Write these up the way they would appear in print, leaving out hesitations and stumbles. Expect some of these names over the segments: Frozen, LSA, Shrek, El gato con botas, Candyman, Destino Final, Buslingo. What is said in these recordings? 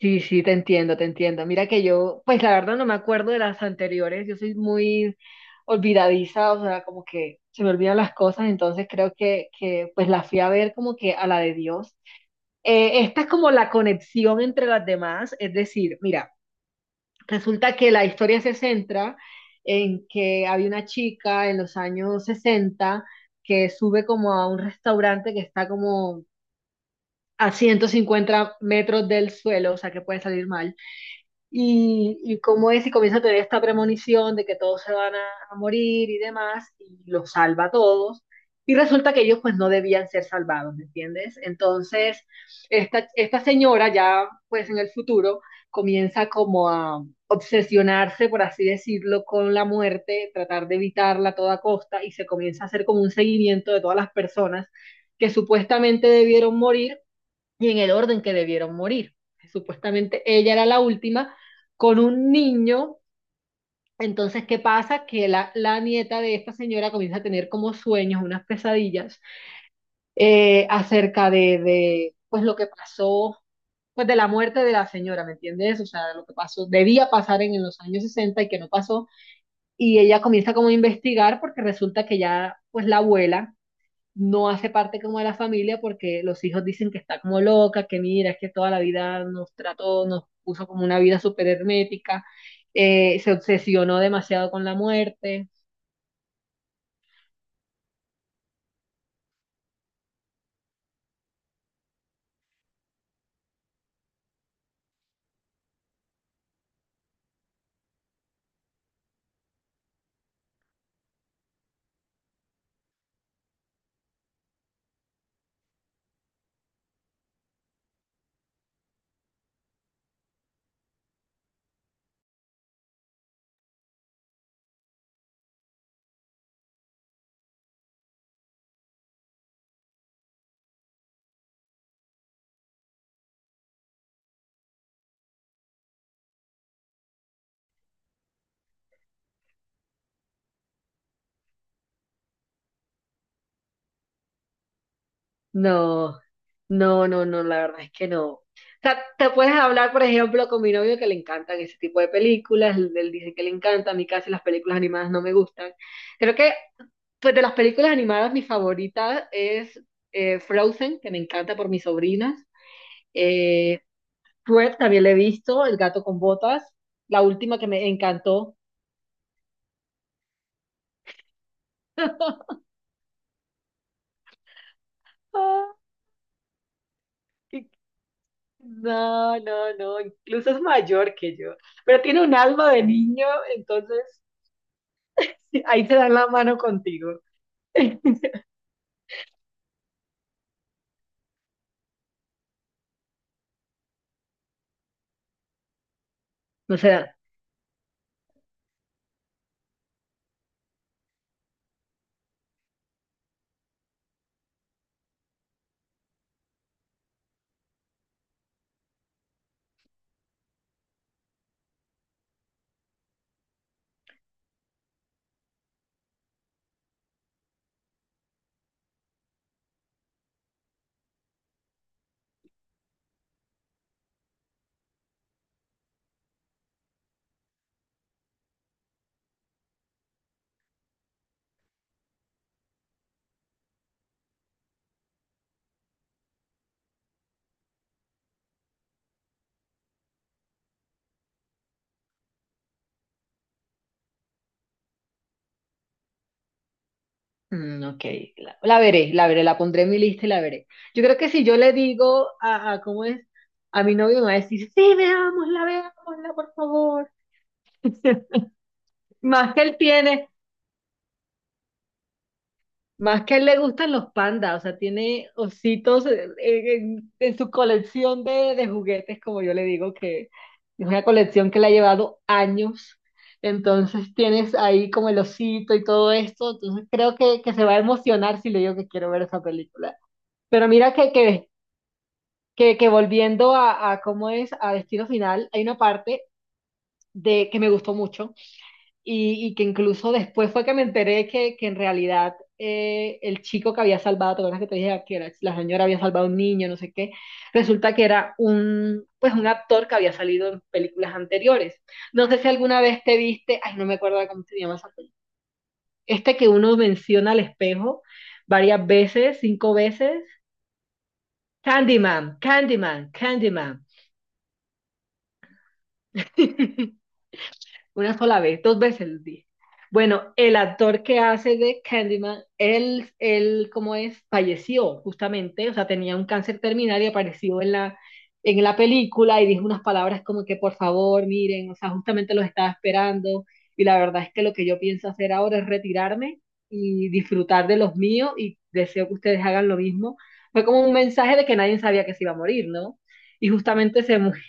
Sí, sí, te entiendo, te entiendo. Mira que yo, pues la verdad no me acuerdo de las anteriores, yo soy muy olvidadiza, o sea, como que se me olvidan las cosas, entonces creo que pues la fui a ver como que a la de Dios. Esta es como la conexión entre las demás, es decir, mira, resulta que la historia se centra en que había una chica en los años 60 que sube como a un restaurante que está como a 150 metros del suelo, o sea, que puede salir mal y cómo es y comienza a tener esta premonición de que todos se van a morir y demás, y los salva a todos. Y resulta que ellos pues no debían ser salvados, ¿me entiendes? Entonces, esta señora ya pues en el futuro comienza como a obsesionarse, por así decirlo, con la muerte, tratar de evitarla a toda costa y se comienza a hacer como un seguimiento de todas las personas que supuestamente debieron morir y en el orden que debieron morir. Supuestamente ella era la última con un niño. Entonces, ¿qué pasa? Que la nieta de esta señora comienza a tener como sueños, unas pesadillas acerca de pues, lo que pasó, pues, de la muerte de la señora, ¿me entiendes? O sea, lo que pasó, debía pasar en los años 60 y que no pasó. Y ella comienza como a investigar porque resulta que ya, pues, la abuela no hace parte como de la familia porque los hijos dicen que está como loca, que mira, es que toda la vida nos trató, nos puso como una vida súper hermética, se obsesionó demasiado con la muerte. No, no, no, no, la verdad es que no. O sea, te puedes hablar, por ejemplo, con mi novio que le encantan ese tipo de películas, él dice que le encanta, a mí casi las películas animadas no me gustan. Creo que pues, de las películas animadas mi favorita es Frozen, que me encanta por mis sobrinas. Eh, Shrek también le he visto, El gato con botas, la última que me encantó. Ah, qué- no, no, no, incluso es mayor que yo, pero tiene un alma de niño, entonces sí, ahí se dan la mano contigo. No se dan. Mm, ok, la veré, la veré, la pondré en mi lista y la veré. Yo creo que si yo le digo a ¿cómo es? A mi novio me va a decir, sí, veámosla, veámosla, por favor. Más que él tiene. Más que a él le gustan los pandas, o sea, tiene ositos en su colección de juguetes, como yo le digo, que es una colección que le ha llevado años. Entonces tienes ahí como el osito y todo esto, entonces creo que se va a emocionar si le digo que quiero ver esa película. Pero mira que volviendo a cómo es a Destino Final, hay una parte de que me gustó mucho y que incluso después fue que me enteré que en realidad el chico que había salvado, ¿te acuerdas que te dije que la señora había salvado a un niño, no sé qué? Resulta que era un, pues un actor que había salido en películas anteriores. No sé si alguna vez te viste, ay, no me acuerdo cómo se llama esa película. Este que uno menciona al espejo varias veces, 5 veces. Candyman, Candyman, Candyman. Una sola vez, 2 veces lo dije. Bueno, el actor que hace de Candyman, ¿cómo es? Falleció justamente, o sea, tenía un cáncer terminal y apareció en en la película y dijo unas palabras como que, por favor, miren, o sea, justamente los estaba esperando y la verdad es que lo que yo pienso hacer ahora es retirarme y disfrutar de los míos y deseo que ustedes hagan lo mismo. Fue como un mensaje de que nadie sabía que se iba a morir, ¿no? Y justamente se murió.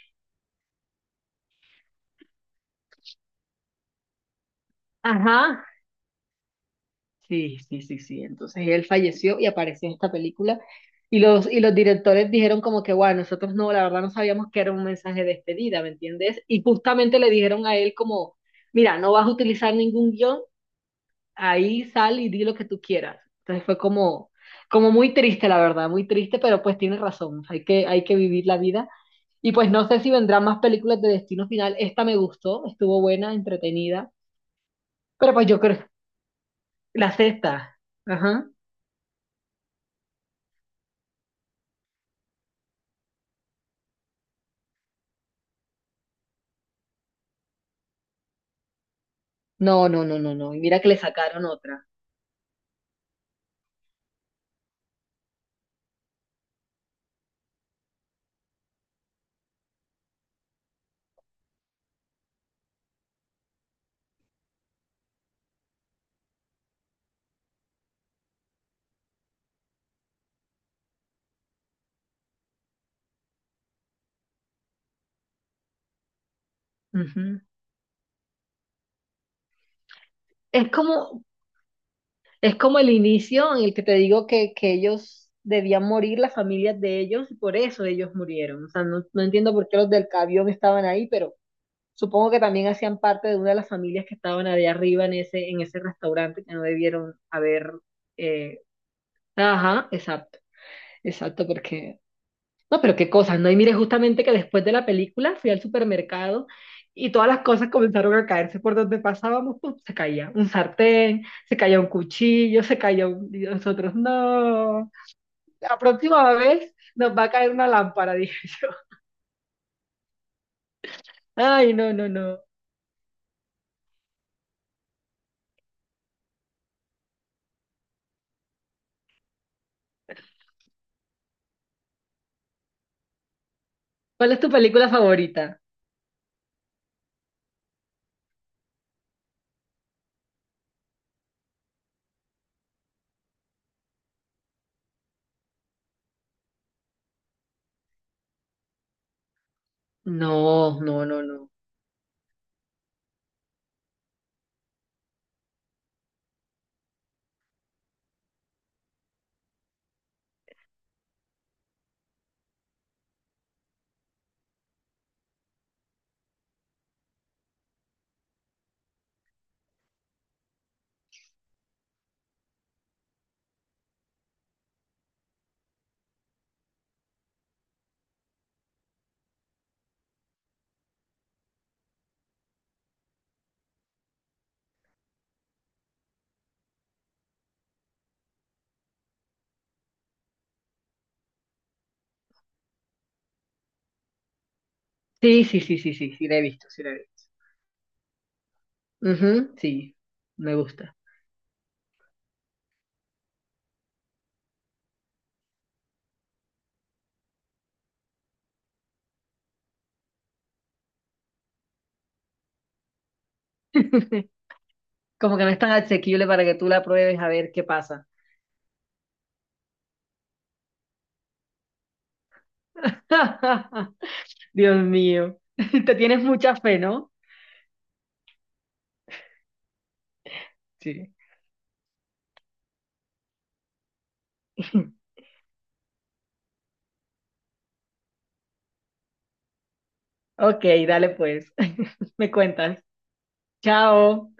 Ajá, sí, sí, sí, sí. Entonces él falleció y apareció en esta película. Y los directores dijeron como que, bueno, nosotros no, la verdad no sabíamos que era un mensaje de despedida, ¿me entiendes? Y justamente le dijeron a él como, mira, no vas a utilizar ningún guión, ahí sal y di lo que tú quieras. Entonces fue como, como muy triste, la verdad, muy triste, pero pues tiene razón, hay hay que vivir la vida. Y pues no sé si vendrán más películas de Destino Final. Esta me gustó, estuvo buena, entretenida, pero pues yo creo, la sexta. Ajá. No, no, no, no, no. Y mira que le sacaron otra. Ujú. Es como, es como el inicio en el que te digo que ellos debían morir, las familias de ellos, y por eso ellos murieron. O sea, no, no entiendo por qué los del avión estaban ahí, pero supongo que también hacían parte de una de las familias que estaban allá arriba en ese restaurante que no debieron haber. eh, Ajá, exacto, exacto, porque no, pero qué cosas, ¿no? Y mire, justamente que después de la película fui al supermercado y todas las cosas comenzaron a caerse por donde pasábamos, ¡pum! Se caía un sartén, se caía un cuchillo, se caía un... y nosotros, no, la próxima vez nos va a caer una lámpara, dije yo. Ay, no, no, no. ¿Cuál es tu película favorita? No, no, no, no. Sí, sí, sí, sí, sí, sí, la he visto, sí, la he visto. Ujú, sí, me gusta. Como que no es tan asequible para que tú la pruebes a ver qué pasa. Dios mío, te tienes mucha fe, ¿no? Sí. Ok, dale pues, me cuentas. Chao.